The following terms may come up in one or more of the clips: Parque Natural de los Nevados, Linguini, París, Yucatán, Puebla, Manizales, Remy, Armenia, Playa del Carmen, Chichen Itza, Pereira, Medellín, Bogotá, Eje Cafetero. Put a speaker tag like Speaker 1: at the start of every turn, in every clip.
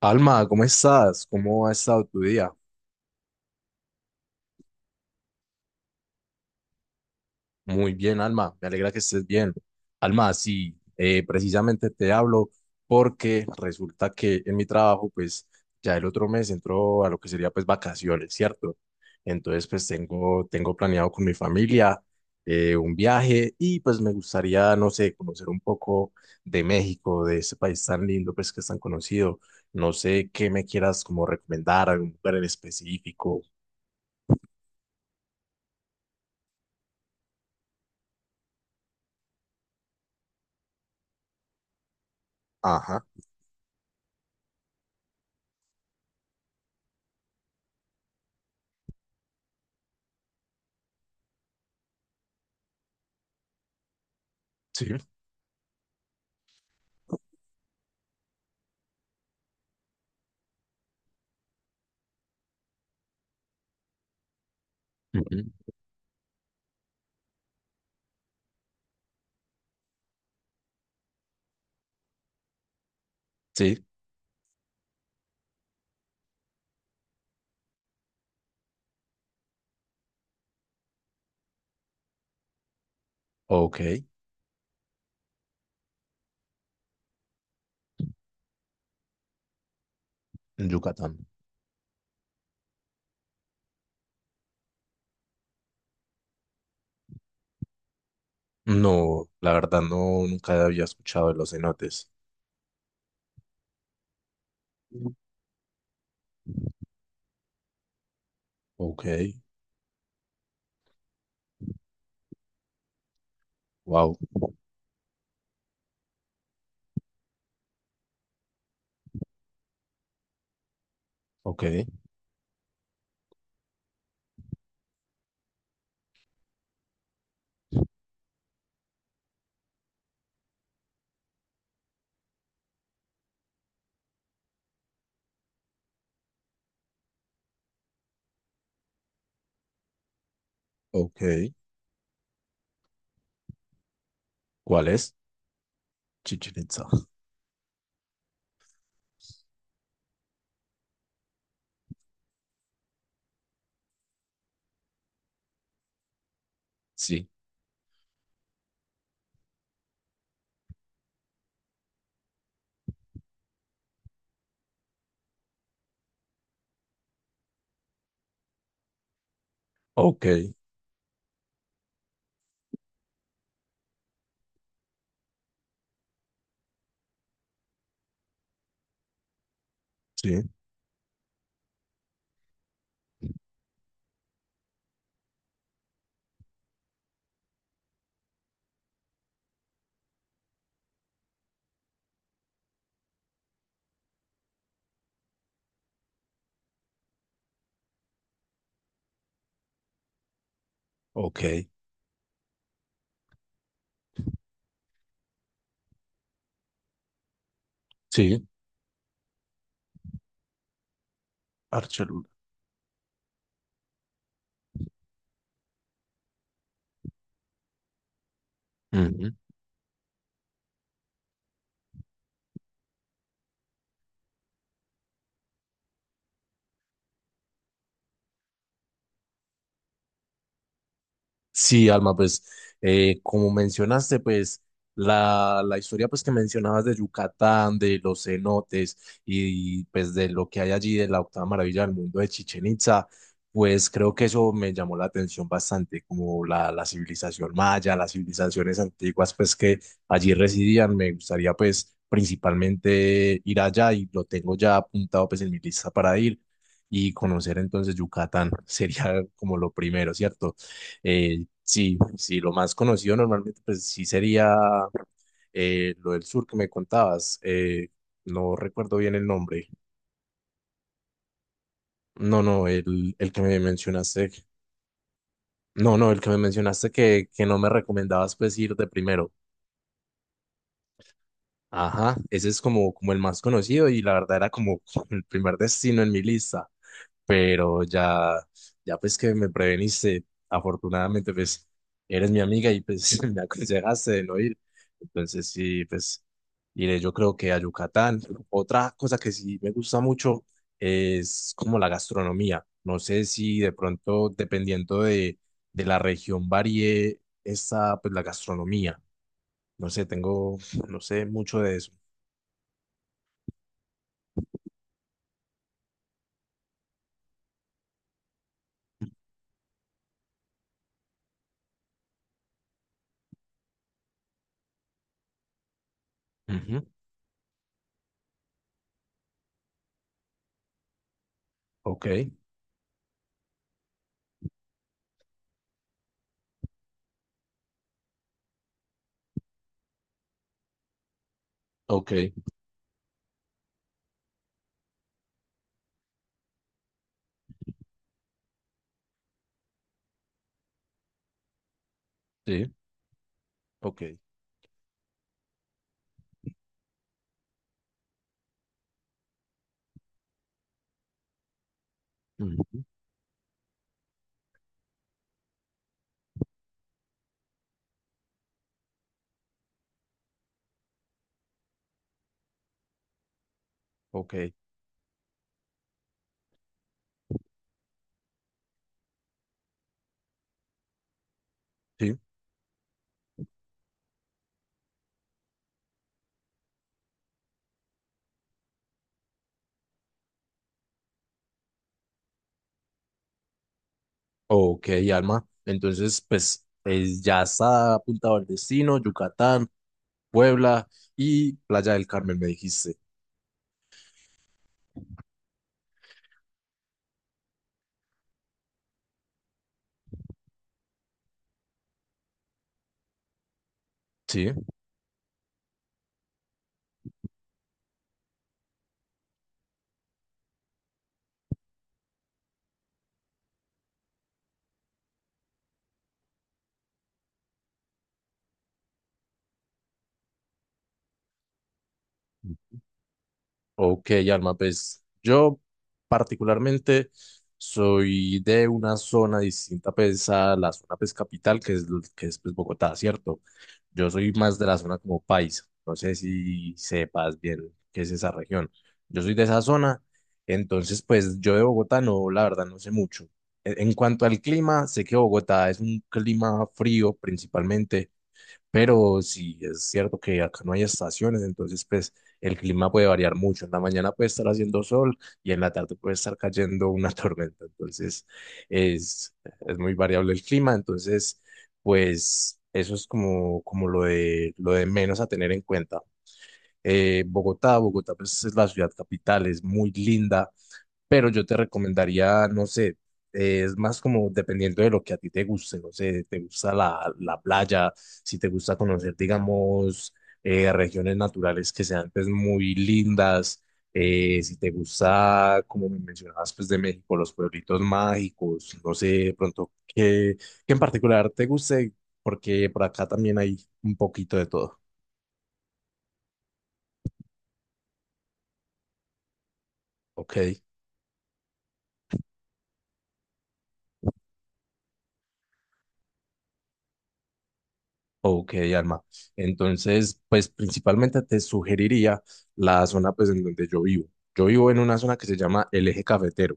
Speaker 1: Alma, ¿cómo estás? ¿Cómo ha estado tu día? Muy bien, Alma, me alegra que estés bien. Alma, sí, precisamente te hablo porque resulta que en mi trabajo, pues ya el otro mes entró a lo que sería pues vacaciones, ¿cierto? Entonces, pues tengo planeado con mi familia un viaje y pues me gustaría, no sé, conocer un poco de México, de ese país tan lindo, pues que es tan conocido. No sé qué me quieras como recomendar, algún lugar en específico. Ajá, sí. Ujú. Sí, ok, en Yucatán. No, la verdad no, nunca había escuchado de los cenotes. Ok, wow, ok, ok. ¿Cuál es? Chichen Itza. Sí, ok, sí, ok, sí, Archelula. Sí, Alma, pues como mencionaste, pues la historia pues que mencionabas de Yucatán, de los cenotes y pues de lo que hay allí de la octava maravilla del mundo de Chichen Itza, pues creo que eso me llamó la atención bastante, como la civilización maya, las civilizaciones antiguas pues que allí residían. Me gustaría pues principalmente ir allá y lo tengo ya apuntado pues en mi lista para ir y conocer entonces Yucatán sería como lo primero, ¿cierto? Sí, sí, lo más conocido normalmente, pues sí sería lo del sur que me contabas. No recuerdo bien el nombre. No, no, el que me mencionaste. No, no, el que me mencionaste que no me recomendabas pues ir de primero. Ajá, ese es como, como el más conocido y la verdad era como el primer destino en mi lista, pero ya, ya pues que me preveniste, afortunadamente pues eres mi amiga y pues me aconsejaste de no ir, entonces sí, pues iré yo creo que a Yucatán. Otra cosa que sí me gusta mucho es como la gastronomía. No sé si de pronto dependiendo de la región varíe esa pues la gastronomía, no sé, tengo, no sé mucho de eso. Ujú. Ok, ok, sí, ok, ujú, ok, sí, ok, Alma. Entonces, pues es- ya está apuntado el destino: Yucatán, Puebla y Playa del Carmen, me dijiste. Sí. Ok, Alma, pues yo particularmente soy de una zona distinta pues, a la zona pues, capital, que es, lo- que es pues, Bogotá, ¿cierto? Yo soy más de la zona como paisa, no sé si sepas bien qué es esa región. Yo soy de esa zona, entonces pues yo de Bogotá no, la verdad no sé mucho. En cuanto al clima, sé que Bogotá es un clima frío principalmente, pero si es cierto que acá no hay estaciones, entonces pues el clima puede variar mucho. En la mañana puede estar haciendo sol y en la tarde puede estar cayendo una tormenta. Entonces es, es muy variable el clima. Entonces pues eso es como, como lo de menos a tener en cuenta. Bogotá, Bogotá pues es la ciudad capital, es muy linda, pero yo te recomendaría, no sé, es más como dependiendo de lo que a ti te guste, no sé, te gusta la playa, si te gusta conocer, digamos, regiones naturales que sean pues muy lindas, si te gusta, como me mencionabas, pues de México, los pueblitos mágicos, no sé, de pronto, qué, qué en particular te guste, porque por acá también hay un poquito de todo, ¿ok? Ok, Alma. Entonces, pues principalmente te sugeriría la zona pues en donde yo vivo. Yo vivo en una zona que se llama el Eje Cafetero.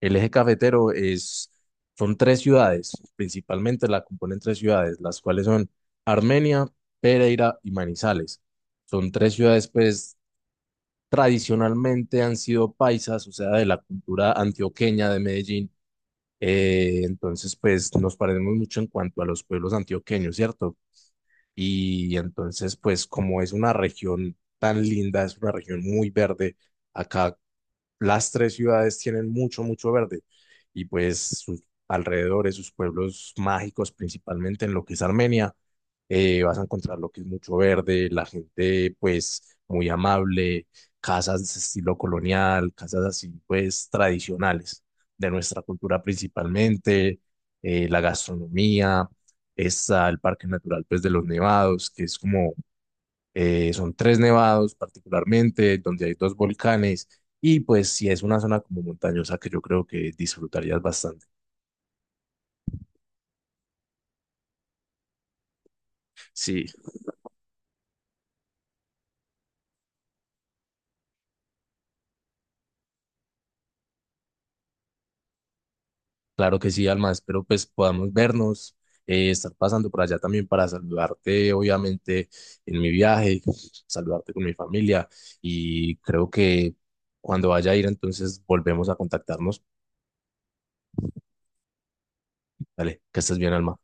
Speaker 1: El Eje Cafetero es, son tres ciudades, principalmente la componen tres ciudades, las cuales son Armenia, Pereira y Manizales. Son tres ciudades pues tradicionalmente han sido paisas, o sea, de la cultura antioqueña de Medellín. Entonces, pues nos parecemos mucho en cuanto a los pueblos antioqueños, ¿cierto? Y entonces, pues como es una región tan linda, es una región muy verde, acá las tres ciudades tienen mucho, mucho verde y pues sus alrededores, sus pueblos mágicos, principalmente en lo que es Armenia, vas a encontrar lo que es mucho verde, la gente pues muy amable, casas de estilo colonial, casas así pues tradicionales de nuestra cultura principalmente, la gastronomía, está el Parque Natural pues de los Nevados, que es como son tres nevados particularmente, donde hay dos volcanes, y pues si es una zona como montañosa que yo creo que disfrutarías bastante. Sí, claro que sí, Alma, espero pues podamos vernos, estar pasando por allá también para saludarte, obviamente, en mi viaje, saludarte con mi familia, y creo que cuando vaya a ir entonces volvemos a contactarnos. Dale, que estés bien, Alma.